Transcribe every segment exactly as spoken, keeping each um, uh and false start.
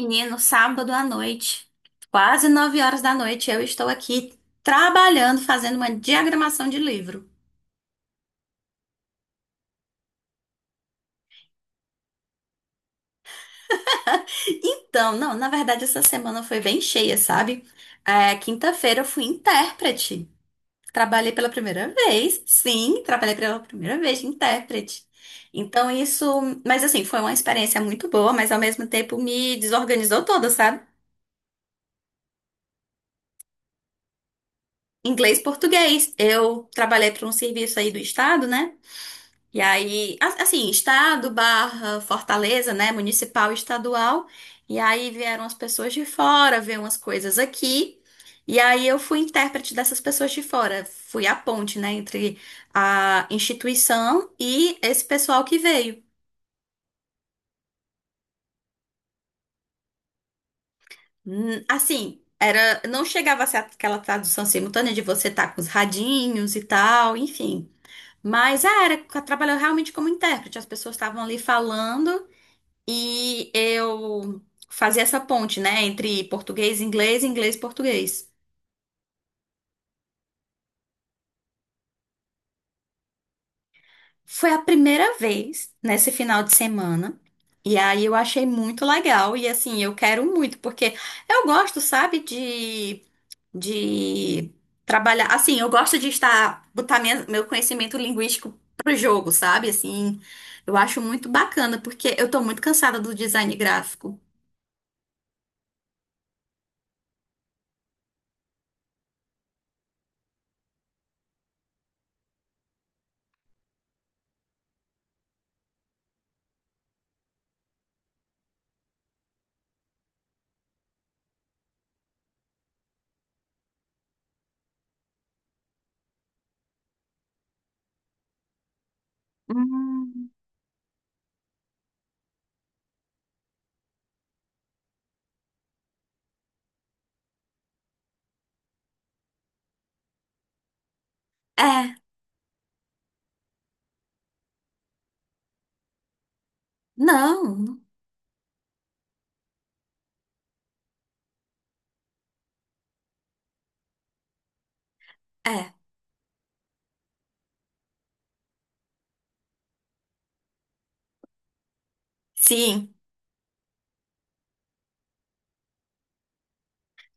Menino, sábado à noite, quase nove horas da noite, eu estou aqui trabalhando, fazendo uma diagramação de livro. Então, não, na verdade, essa semana foi bem cheia, sabe? É, quinta-feira eu fui intérprete. Trabalhei pela primeira vez, sim, trabalhei pela primeira vez de intérprete. Então, isso, mas assim, foi uma experiência muito boa, mas ao mesmo tempo me desorganizou toda, sabe? Inglês, português. Eu trabalhei para um serviço aí do estado, né? E aí, a- assim, estado barra Fortaleza, né? Municipal, estadual. E aí vieram as pessoas de fora, ver umas coisas aqui. E aí eu fui intérprete dessas pessoas de fora. Fui a ponte, né? Entre a instituição e esse pessoal que veio. Hum, Assim, era, não chegava a ser aquela tradução simultânea de você estar com os radinhos e tal, enfim. Mas é, era, trabalhou realmente como intérprete. As pessoas estavam ali falando. E eu fazia essa ponte, né, entre português e inglês, inglês e português. Foi a primeira vez nesse final de semana. E aí eu achei muito legal e assim, eu quero muito porque eu gosto, sabe, de de trabalhar, assim, eu gosto de estar botar minha- meu conhecimento linguístico pro jogo, sabe? Assim, eu acho muito bacana porque eu tô muito cansada do design gráfico. É, não, é. Sim.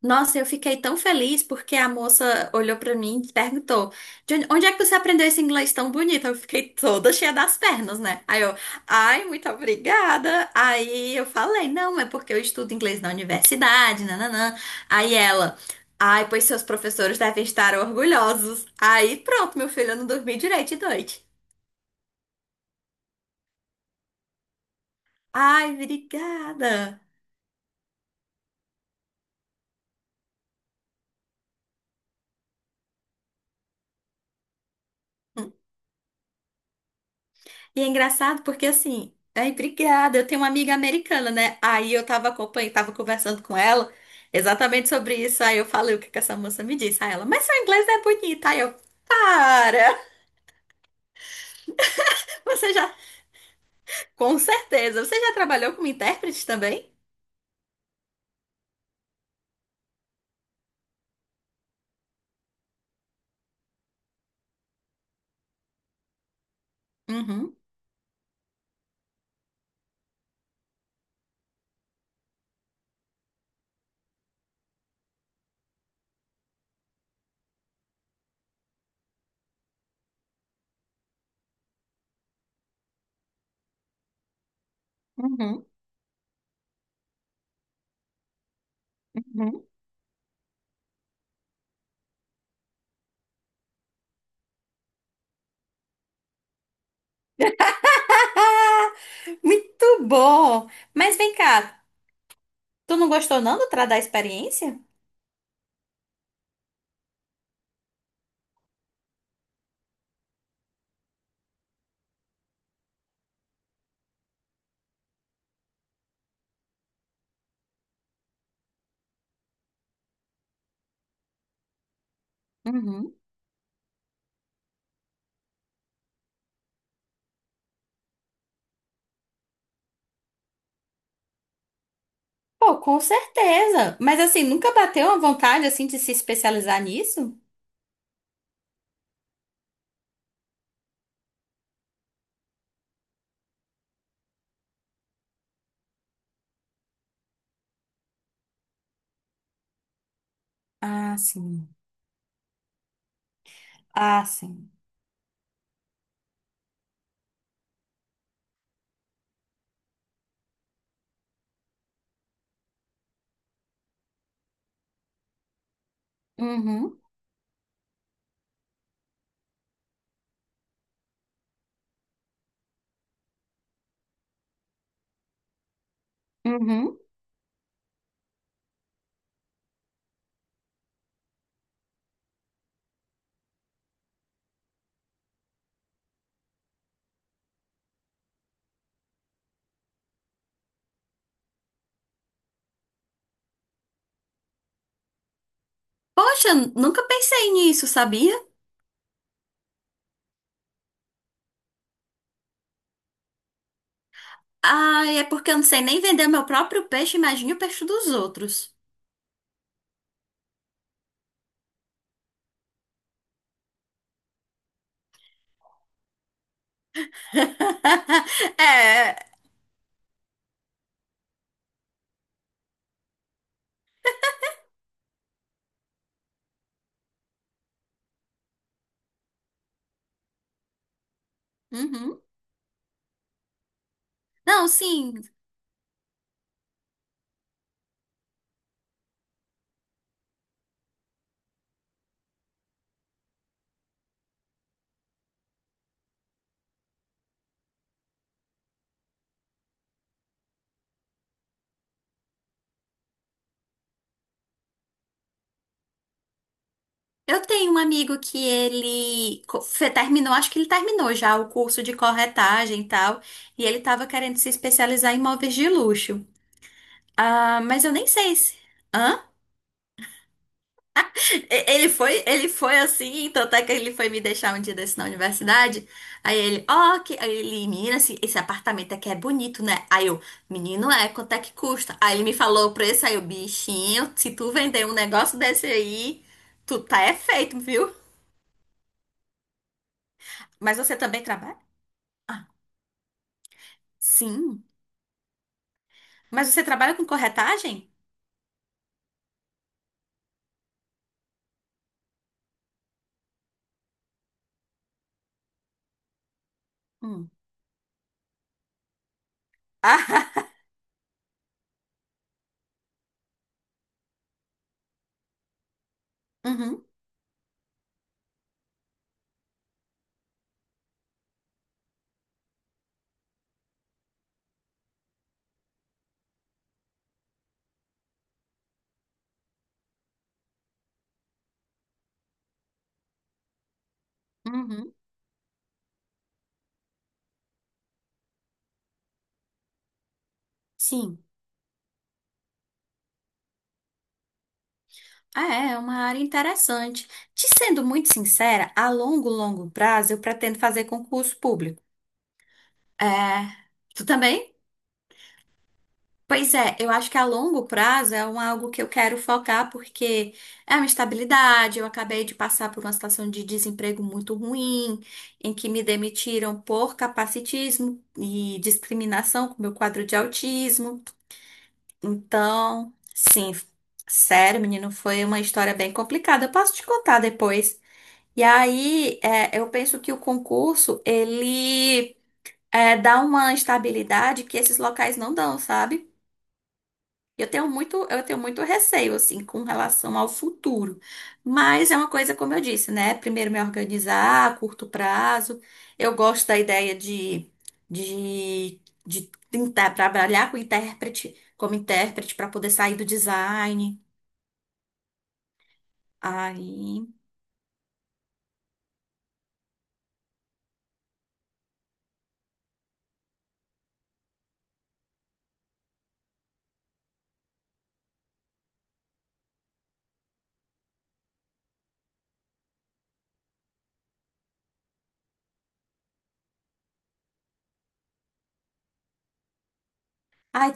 Nossa, eu fiquei tão feliz porque a moça olhou pra mim e perguntou: "De onde onde é que você aprendeu esse inglês tão bonito?" Eu fiquei toda cheia das pernas, né? Aí eu, ai, muito obrigada. Aí eu falei: não, é porque eu estudo inglês na universidade, nananã. Aí ela, ai, pois seus professores devem estar orgulhosos. Aí pronto, meu filho, eu não dormi direito de noite. Ai, obrigada. E é engraçado porque assim, ai, obrigada, eu tenho uma amiga americana, né? Aí eu tava acompanhando, tava conversando com ela exatamente sobre isso. Aí eu falei o que que essa moça me disse. Aí ela, mas seu inglês não é bonito. Aí eu, para! Você já, com certeza, você já trabalhou como intérprete também? Uhum, uhum, uhum. Muito bom! Mas vem cá, tu não gostou não do tra- da experiência? Uhum. Pô, com certeza. Mas assim, nunca bateu a vontade assim de se especializar nisso? Ah, sim. Ah, sim. Uhum, uhum. Poxa, nunca pensei nisso, sabia? Ah, é porque eu não sei nem vender meu próprio peixe, imagine o peixe dos outros. É. Uhum. Não, sim. Eu tenho um amigo que ele co- fe- terminou, acho que ele terminou já o curso de corretagem e tal, e ele tava querendo se especializar em imóveis de luxo. Ah, mas eu nem sei se. Hã? E- Ele foi, ele foi assim, tanto é que ele foi me deixar um dia desse na universidade. Aí ele, ó, que aí ele, menina, esse, esse apartamento aqui é bonito, né? Aí eu, menino, é, quanto é que custa? Aí ele me falou o preço, aí eu, bichinho, se tu vender um negócio desse aí, tu tá é feito, viu? Mas você também trabalha? Ah, sim. Mas você trabalha com corretagem? Hum. Ah, uhum, uhum, sim. É, é uma área interessante. Te sendo muito sincera, a longo, longo prazo eu pretendo fazer concurso público. É, tu também? Pois é, eu acho que a longo prazo é um, algo que eu quero focar porque é uma estabilidade. Eu acabei de passar por uma situação de desemprego muito ruim, em que me demitiram por capacitismo e discriminação com meu quadro de autismo. Então, sim, sério, menino, foi uma história bem complicada. Eu posso te contar depois. E aí, é, eu penso que o concurso, ele é, dá uma estabilidade que esses locais não dão, sabe? Eu tenho muito, eu tenho muito receio, assim, com relação ao futuro. Mas é uma coisa, como eu disse, né? Primeiro me organizar a curto prazo. Eu gosto da ideia de, de, de tentar trabalhar com intérprete, como intérprete, para poder sair do design. Aí. Ai,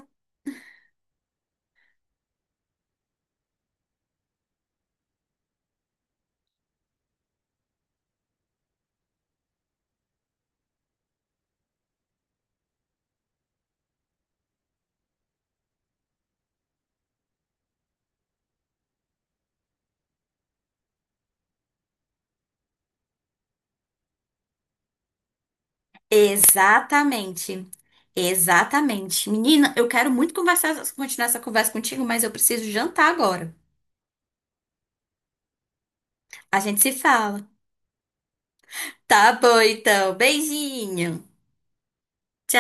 exatamente. Exatamente. Menina, eu quero muito conversar, continuar essa conversa contigo, mas eu preciso jantar agora. A gente se fala. Tá bom, então. Beijinho. Tchau.